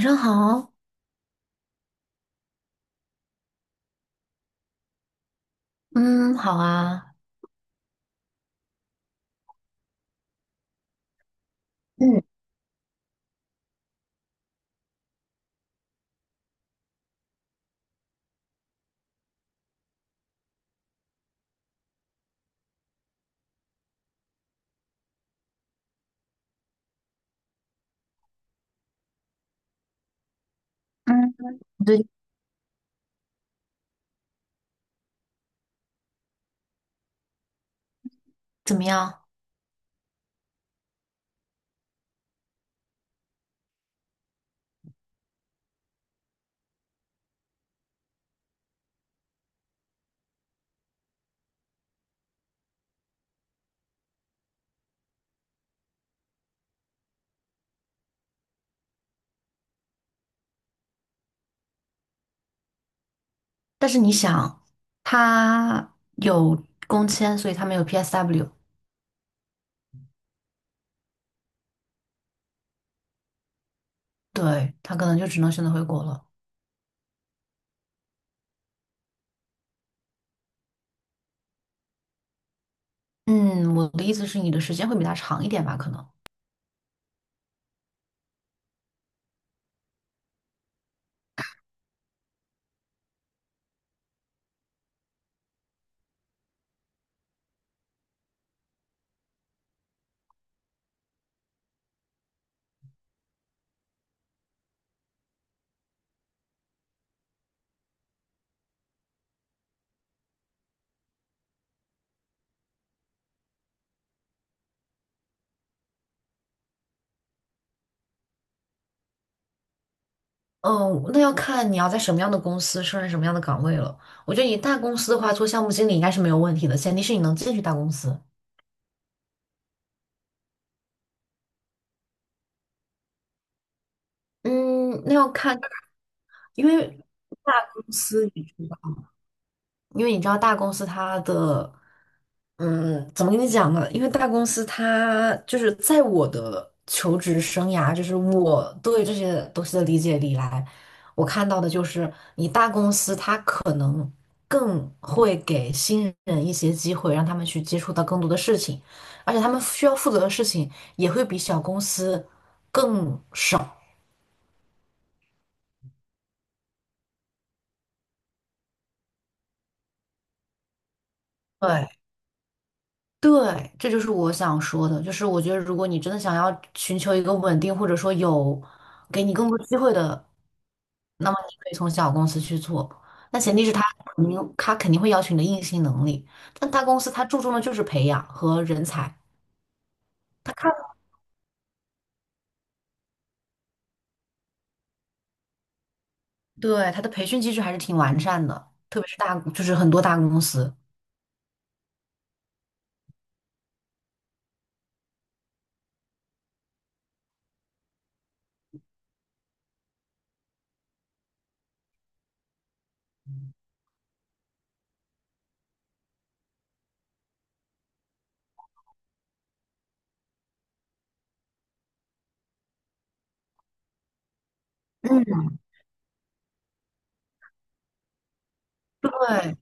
晚上好。嗯，好啊。嗯嗯，你最近怎么样？但是你想，他有工签，所以他没有 PSW。对，他可能就只能选择回国了。嗯，我的意思是，你的时间会比他长一点吧？可能。哦，那要看你要在什么样的公司胜任什么样的岗位了。我觉得你大公司的话，做项目经理应该是没有问题的，前提是你能进去大公司。嗯，那要看。因为大公司你知道。因为你知道大公司它的，怎么跟你讲呢？因为大公司它就是在我的求职生涯，就是我对这些东西的理解里来，我看到的就是你大公司它可能更会给新人一些机会，让他们去接触到更多的事情，而且他们需要负责的事情也会比小公司更少。对。对，这就是我想说的，就是我觉得如果你真的想要寻求一个稳定，或者说有给你更多机会的，那么你可以从小公司去做。那前提是他，肯定会要求你的硬性能力，但大公司他注重的就是培养和人才。他看，对他的培训机制还是挺完善的，特别是大，就是很多大公司。嗯，对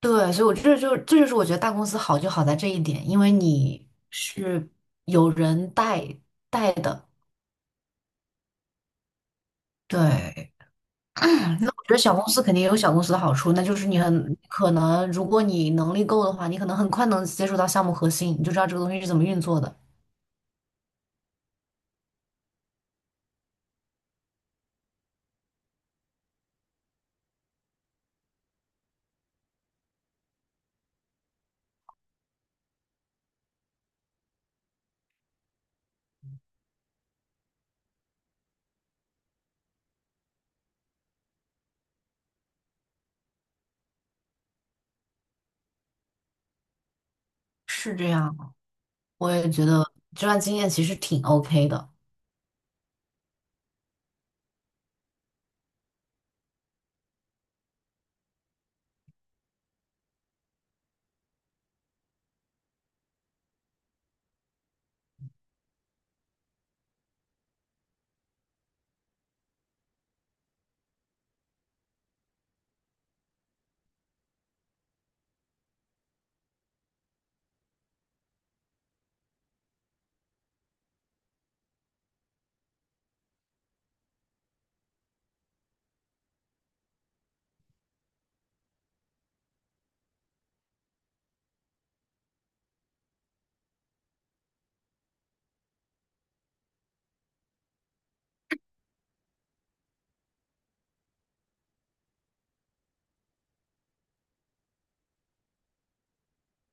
对，所以我这，就是我觉得大公司好就好在这一点，因为你是有人带带的。对。觉得小公司肯定也有小公司的好处，那就是你很可能，如果你能力够的话，你可能很快能接触到项目核心，你就知道这个东西是怎么运作的。是这样，我也觉得这段经验其实挺 OK 的。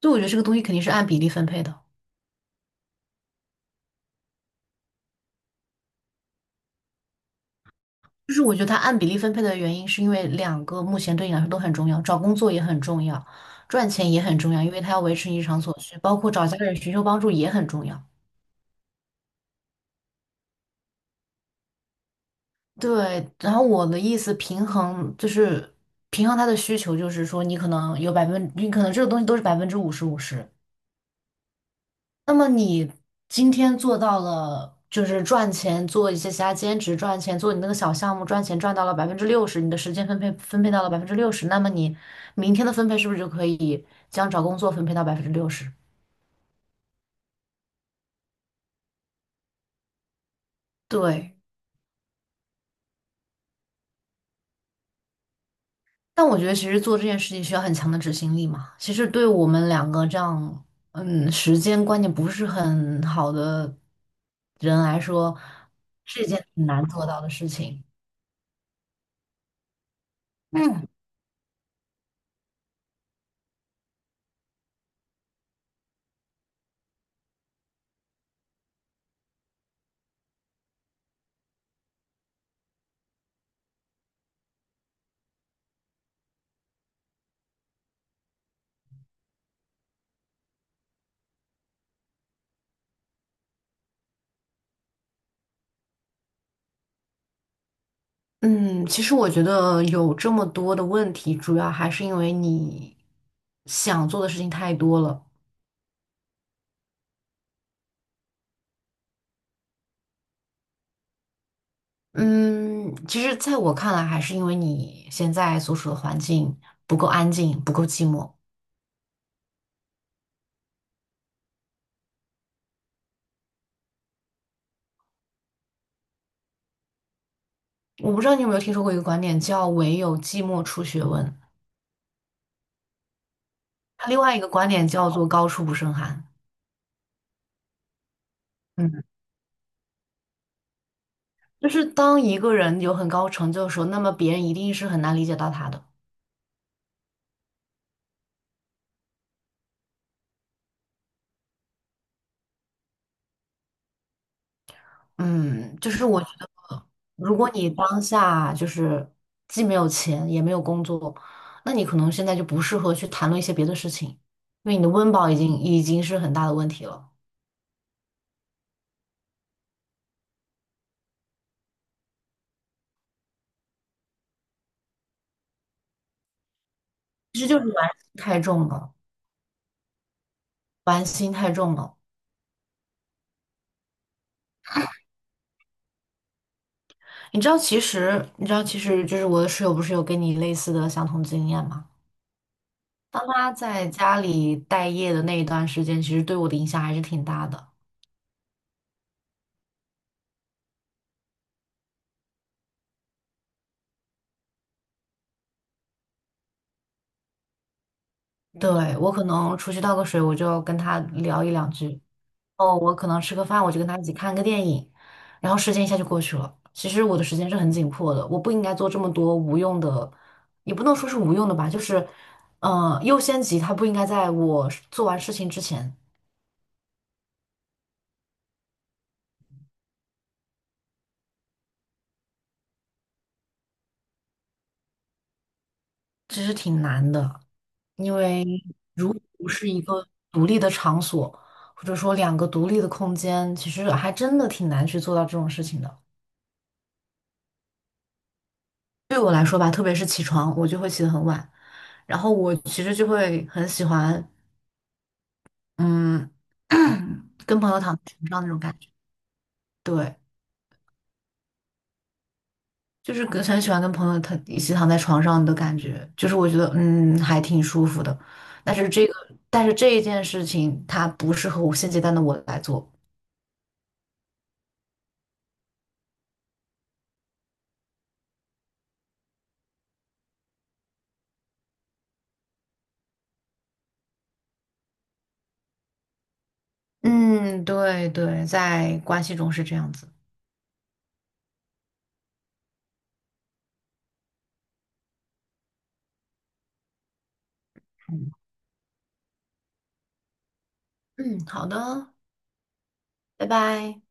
就我觉得这个东西肯定是按比例分配的，就是我觉得它按比例分配的原因是因为两个目前对你来说都很重要，找工作也很重要，赚钱也很重要，因为它要维持你日常所需，包括找家人寻求帮助也很重要。对，然后我的意思平衡就是平衡他的需求，就是说你可能这个东西都是50-50。那么你今天做到了，就是赚钱做一些其他兼职赚钱，做你那个小项目赚钱赚到了百分之六十，你的时间分配到了百分之六十，那么你明天的分配是不是就可以将找工作分配到百分之六十？对。但我觉得其实做这件事情需要很强的执行力嘛。其实对我们两个这样，嗯，时间观念不是很好的人来说，是一件很难做到的事情。嗯嗯，其实我觉得有这么多的问题，主要还是因为你想做的事情太多了。嗯，其实在我看来，还是因为你现在所处的环境不够安静，不够寂寞。我不知道你有没有听说过一个观点，叫"唯有寂寞出学问"。他另外一个观点叫做高处不胜寒。嗯，就是当一个人有很高成就的时候，那么别人一定是很难理解到他的。嗯，就是我觉得，如果你当下就是既没有钱也没有工作，那你可能现在就不适合去谈论一些别的事情，因为你的温饱已经是很大的问题了，其实就是玩心太重了。玩心太重了。你知道，其实你知道，其实就是我的室友不是有跟你类似的相同经验吗？当他在家里待业的那一段时间，其实对我的影响还是挺大的。对，嗯，我可能出去倒个水，我就跟他聊一两句。哦，我可能吃个饭，我就跟他一起看个电影，然后时间一下就过去了。其实我的时间是很紧迫的，我不应该做这么多无用的，也不能说是无用的吧，就是，优先级它不应该在我做完事情之前。其实挺难的。因为如果不是一个独立的场所，或者说两个独立的空间，其实还真的挺难去做到这种事情的。对我来说吧，特别是起床，我就会起得很晚，然后我其实就会很喜欢，嗯，跟朋友躺在床上那种感觉。对，就是跟很喜欢跟朋友躺一起躺在床上的感觉，就是我觉得还挺舒服的。但是这个，但是这一件事情，它不适合我现阶段的我来做。嗯，对对，在关系中是这样子。嗯，好的，拜拜。